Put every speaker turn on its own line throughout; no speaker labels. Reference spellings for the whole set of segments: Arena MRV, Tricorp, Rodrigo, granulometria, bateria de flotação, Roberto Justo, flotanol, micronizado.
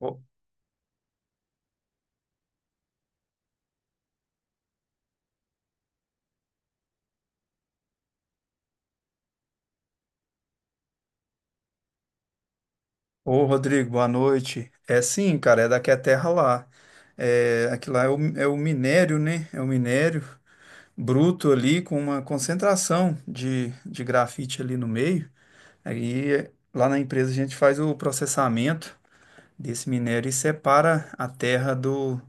Ô, Rodrigo, boa noite. É sim, cara, é daqui a terra lá. É, aqui lá é o, é o minério, né? É o minério bruto ali com uma concentração de grafite ali no meio. Aí é, lá na empresa a gente faz o processamento desse minério e separa a terra do.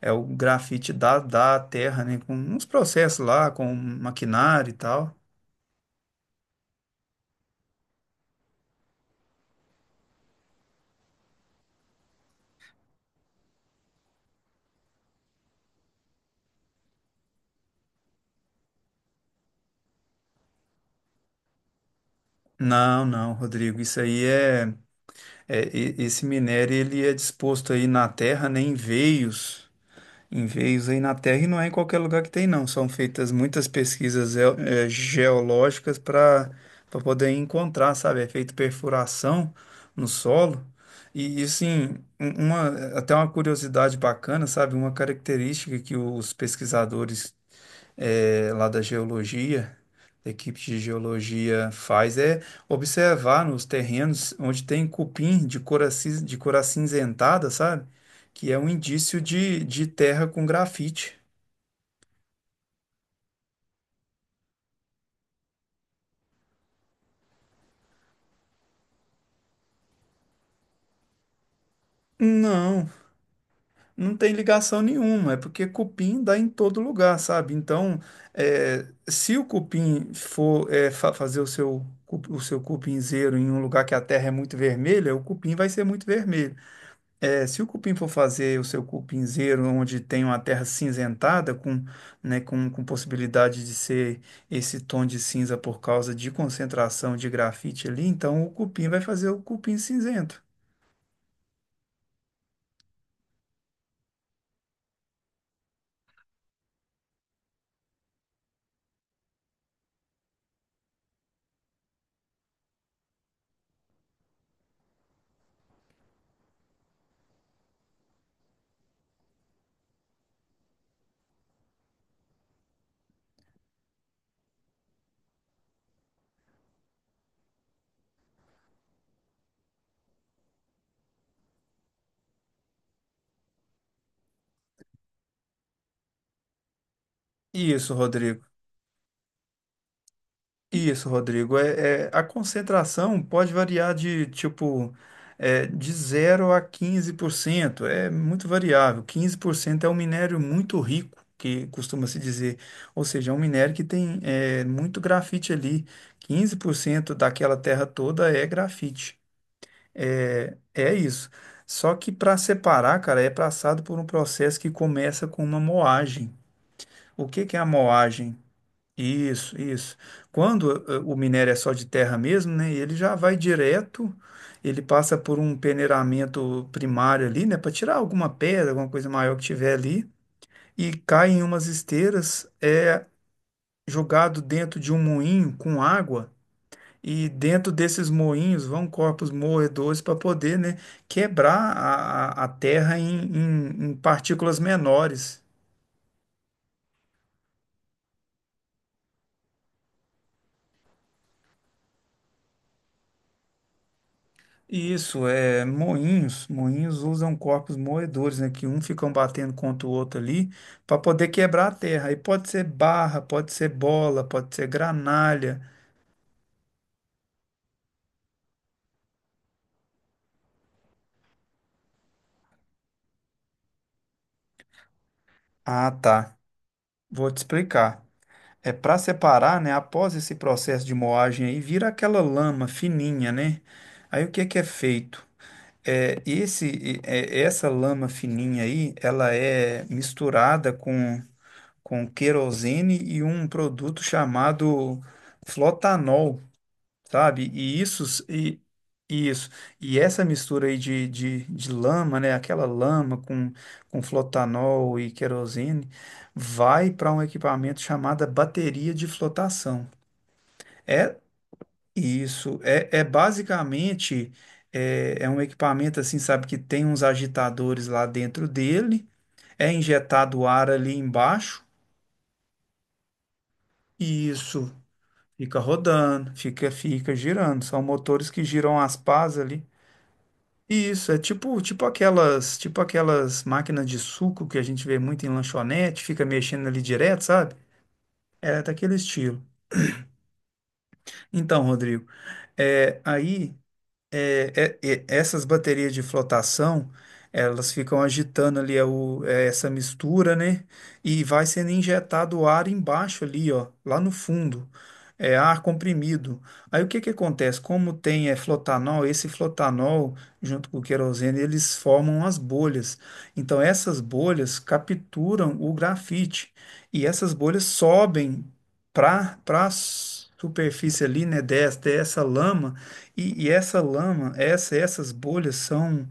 É o grafite da terra, né? Com uns processos lá, com maquinário e tal. Não, não, Rodrigo, isso aí é. É, esse minério ele é disposto aí na terra, né, em veios aí na terra e não é em qualquer lugar que tem não. São feitas muitas pesquisas geológicas para poder encontrar, sabe? É feito perfuração no solo e assim uma até uma curiosidade bacana, sabe? Uma característica que os pesquisadores lá da geologia, da equipe de geologia faz é observar nos terrenos onde tem cupim de cor, de cor acinzentada, sabe? Que é um indício de terra com grafite. Não, não tem ligação nenhuma, é porque cupim dá em todo lugar, sabe? Então, se o cupim for fazer o seu, o seu cupinzeiro em um lugar que a terra é muito vermelha, o cupim vai ser muito vermelho. É, se o cupim for fazer o seu cupinzeiro onde tem uma terra cinzentada, com, né, com possibilidade de ser esse tom de cinza por causa de concentração de grafite ali, então o cupim vai fazer o cupim cinzento. Isso, Rodrigo. Isso, Rodrigo. É, a concentração pode variar de tipo é, de 0 a 15%. É muito variável. 15% é um minério muito rico, que costuma se dizer. Ou seja, é um minério que tem é, muito grafite ali. 15% daquela terra toda é grafite. É é isso. Só que para separar, cara, é passado por um processo que começa com uma moagem. O que que é a moagem? Isso, isso. Quando o minério é só de terra mesmo, né? Ele já vai direto, ele passa por um peneiramento primário ali, né? Para tirar alguma pedra, alguma coisa maior que tiver ali, e cai em umas esteiras, é jogado dentro de um moinho com água, e dentro desses moinhos vão corpos moedores para poder, né, quebrar a terra em, em em partículas menores. Isso, é moinhos. Moinhos usam corpos moedores, né? Que um ficam batendo contra o outro ali para poder quebrar a terra. Aí pode ser barra, pode ser bola, pode ser granalha. Ah, tá. Vou te explicar. É para separar, né? Após esse processo de moagem aí, vira aquela lama fininha, né? Aí o que que é feito? É, essa lama fininha aí, ela é misturada com querosene e um produto chamado flotanol, sabe? E, e isso, e essa mistura aí de lama, né? Aquela lama com flotanol e querosene vai para um equipamento chamado bateria de flotação. É isso, é basicamente é um equipamento assim, sabe, que tem uns agitadores lá dentro dele, é injetado ar ali embaixo. E isso. Fica rodando, fica, fica girando. São motores que giram as pás ali. E isso é tipo, tipo aquelas máquinas de suco que a gente vê muito em lanchonete, fica mexendo ali direto, sabe? É daquele estilo. Então, Rodrigo, é, aí é, essas baterias de flotação, elas ficam agitando ali é é essa mistura, né? E vai sendo injetado ar embaixo ali, ó, lá no fundo. É ar comprimido. Aí o que que acontece? Como tem é, flotanol, esse flotanol, junto com o querosene, eles formam as bolhas. Então essas bolhas capturam o grafite. E essas bolhas sobem para a superfície ali, né, dessa lama e essa lama, essa, essas bolhas são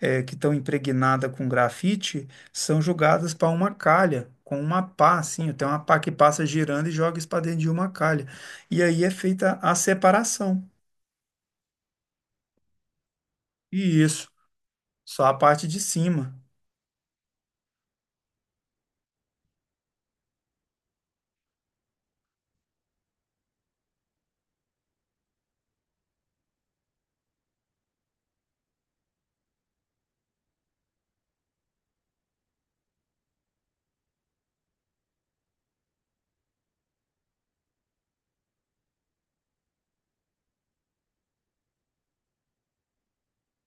é, que estão impregnadas com grafite, são jogadas para uma calha, com uma pá, assim, tem uma pá que passa girando e joga isso para dentro de uma calha. E aí é feita a separação. E isso, só a parte de cima.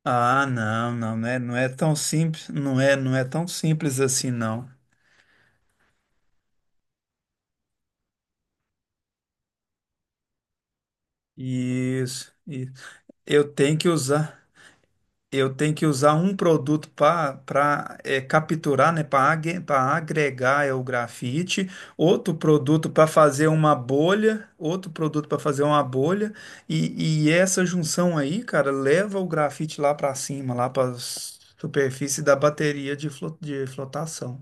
Ah, não, não não é, não é tão simples, não é, não é tão simples assim, não. Isso, isso. Eu tenho que usar. Eu tenho que usar um produto para capturar, né, para agregar é o grafite, outro produto para fazer uma bolha, outro produto para fazer uma bolha, e essa junção aí, cara, leva o grafite lá para cima, lá para superfície da bateria de, de flotação.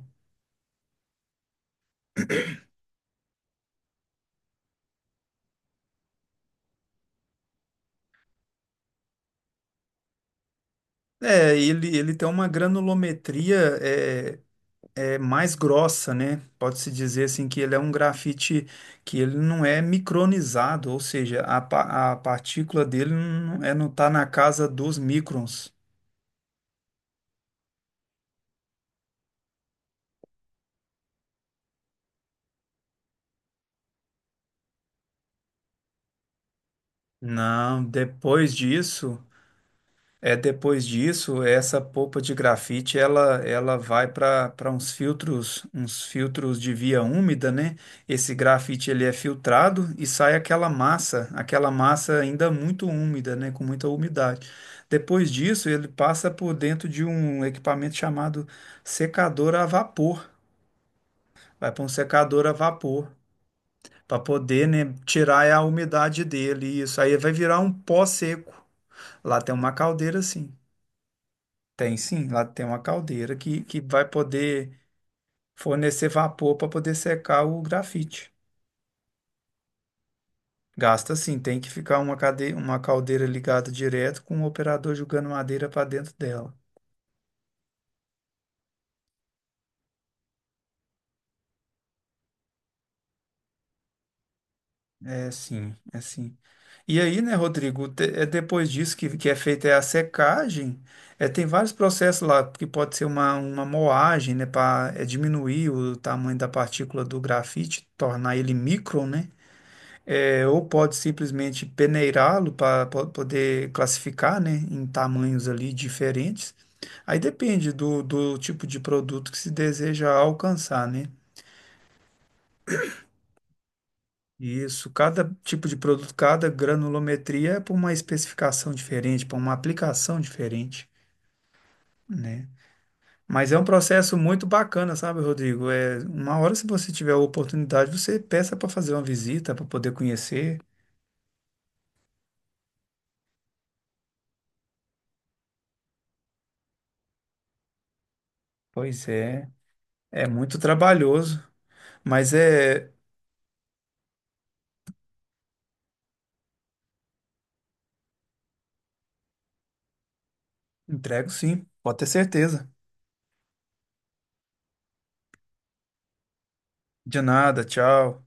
É, ele tem uma granulometria é, é mais grossa, né? Pode-se dizer assim que ele é um grafite que ele não é micronizado, ou seja, a, a partícula dele não, é, não tá na casa dos microns. Não, depois disso. É, depois disso, essa polpa de grafite, ela vai para uns filtros de via úmida, né? Esse grafite ele é filtrado e sai aquela massa ainda muito úmida, né? Com muita umidade. Depois disso, ele passa por dentro de um equipamento chamado secador a vapor. Vai para um secador a vapor para poder, né, tirar a umidade dele. Isso aí vai virar um pó seco. Lá tem uma caldeira assim. Tem sim, lá tem uma caldeira que vai poder fornecer vapor para poder secar o grafite. Gasta sim, tem que ficar uma, cade... uma caldeira ligada direto com o operador jogando madeira para dentro dela. É sim, é sim. E aí, né, Rodrigo, é depois disso que é feita é a secagem, é, tem vários processos lá, que pode ser uma moagem, né, para diminuir o tamanho da partícula do grafite, tornar ele micro, né? É, ou pode simplesmente peneirá-lo para poder classificar, né, em tamanhos ali diferentes. Aí depende do, do tipo de produto que se deseja alcançar, né? Isso, cada tipo de produto, cada granulometria é para uma especificação diferente, para uma aplicação diferente, né? Mas é um processo muito bacana, sabe, Rodrigo? É, uma hora, se você tiver a oportunidade, você peça para fazer uma visita, para poder conhecer. Pois é, é muito trabalhoso, mas é, entrego sim, pode ter certeza. De nada, tchau.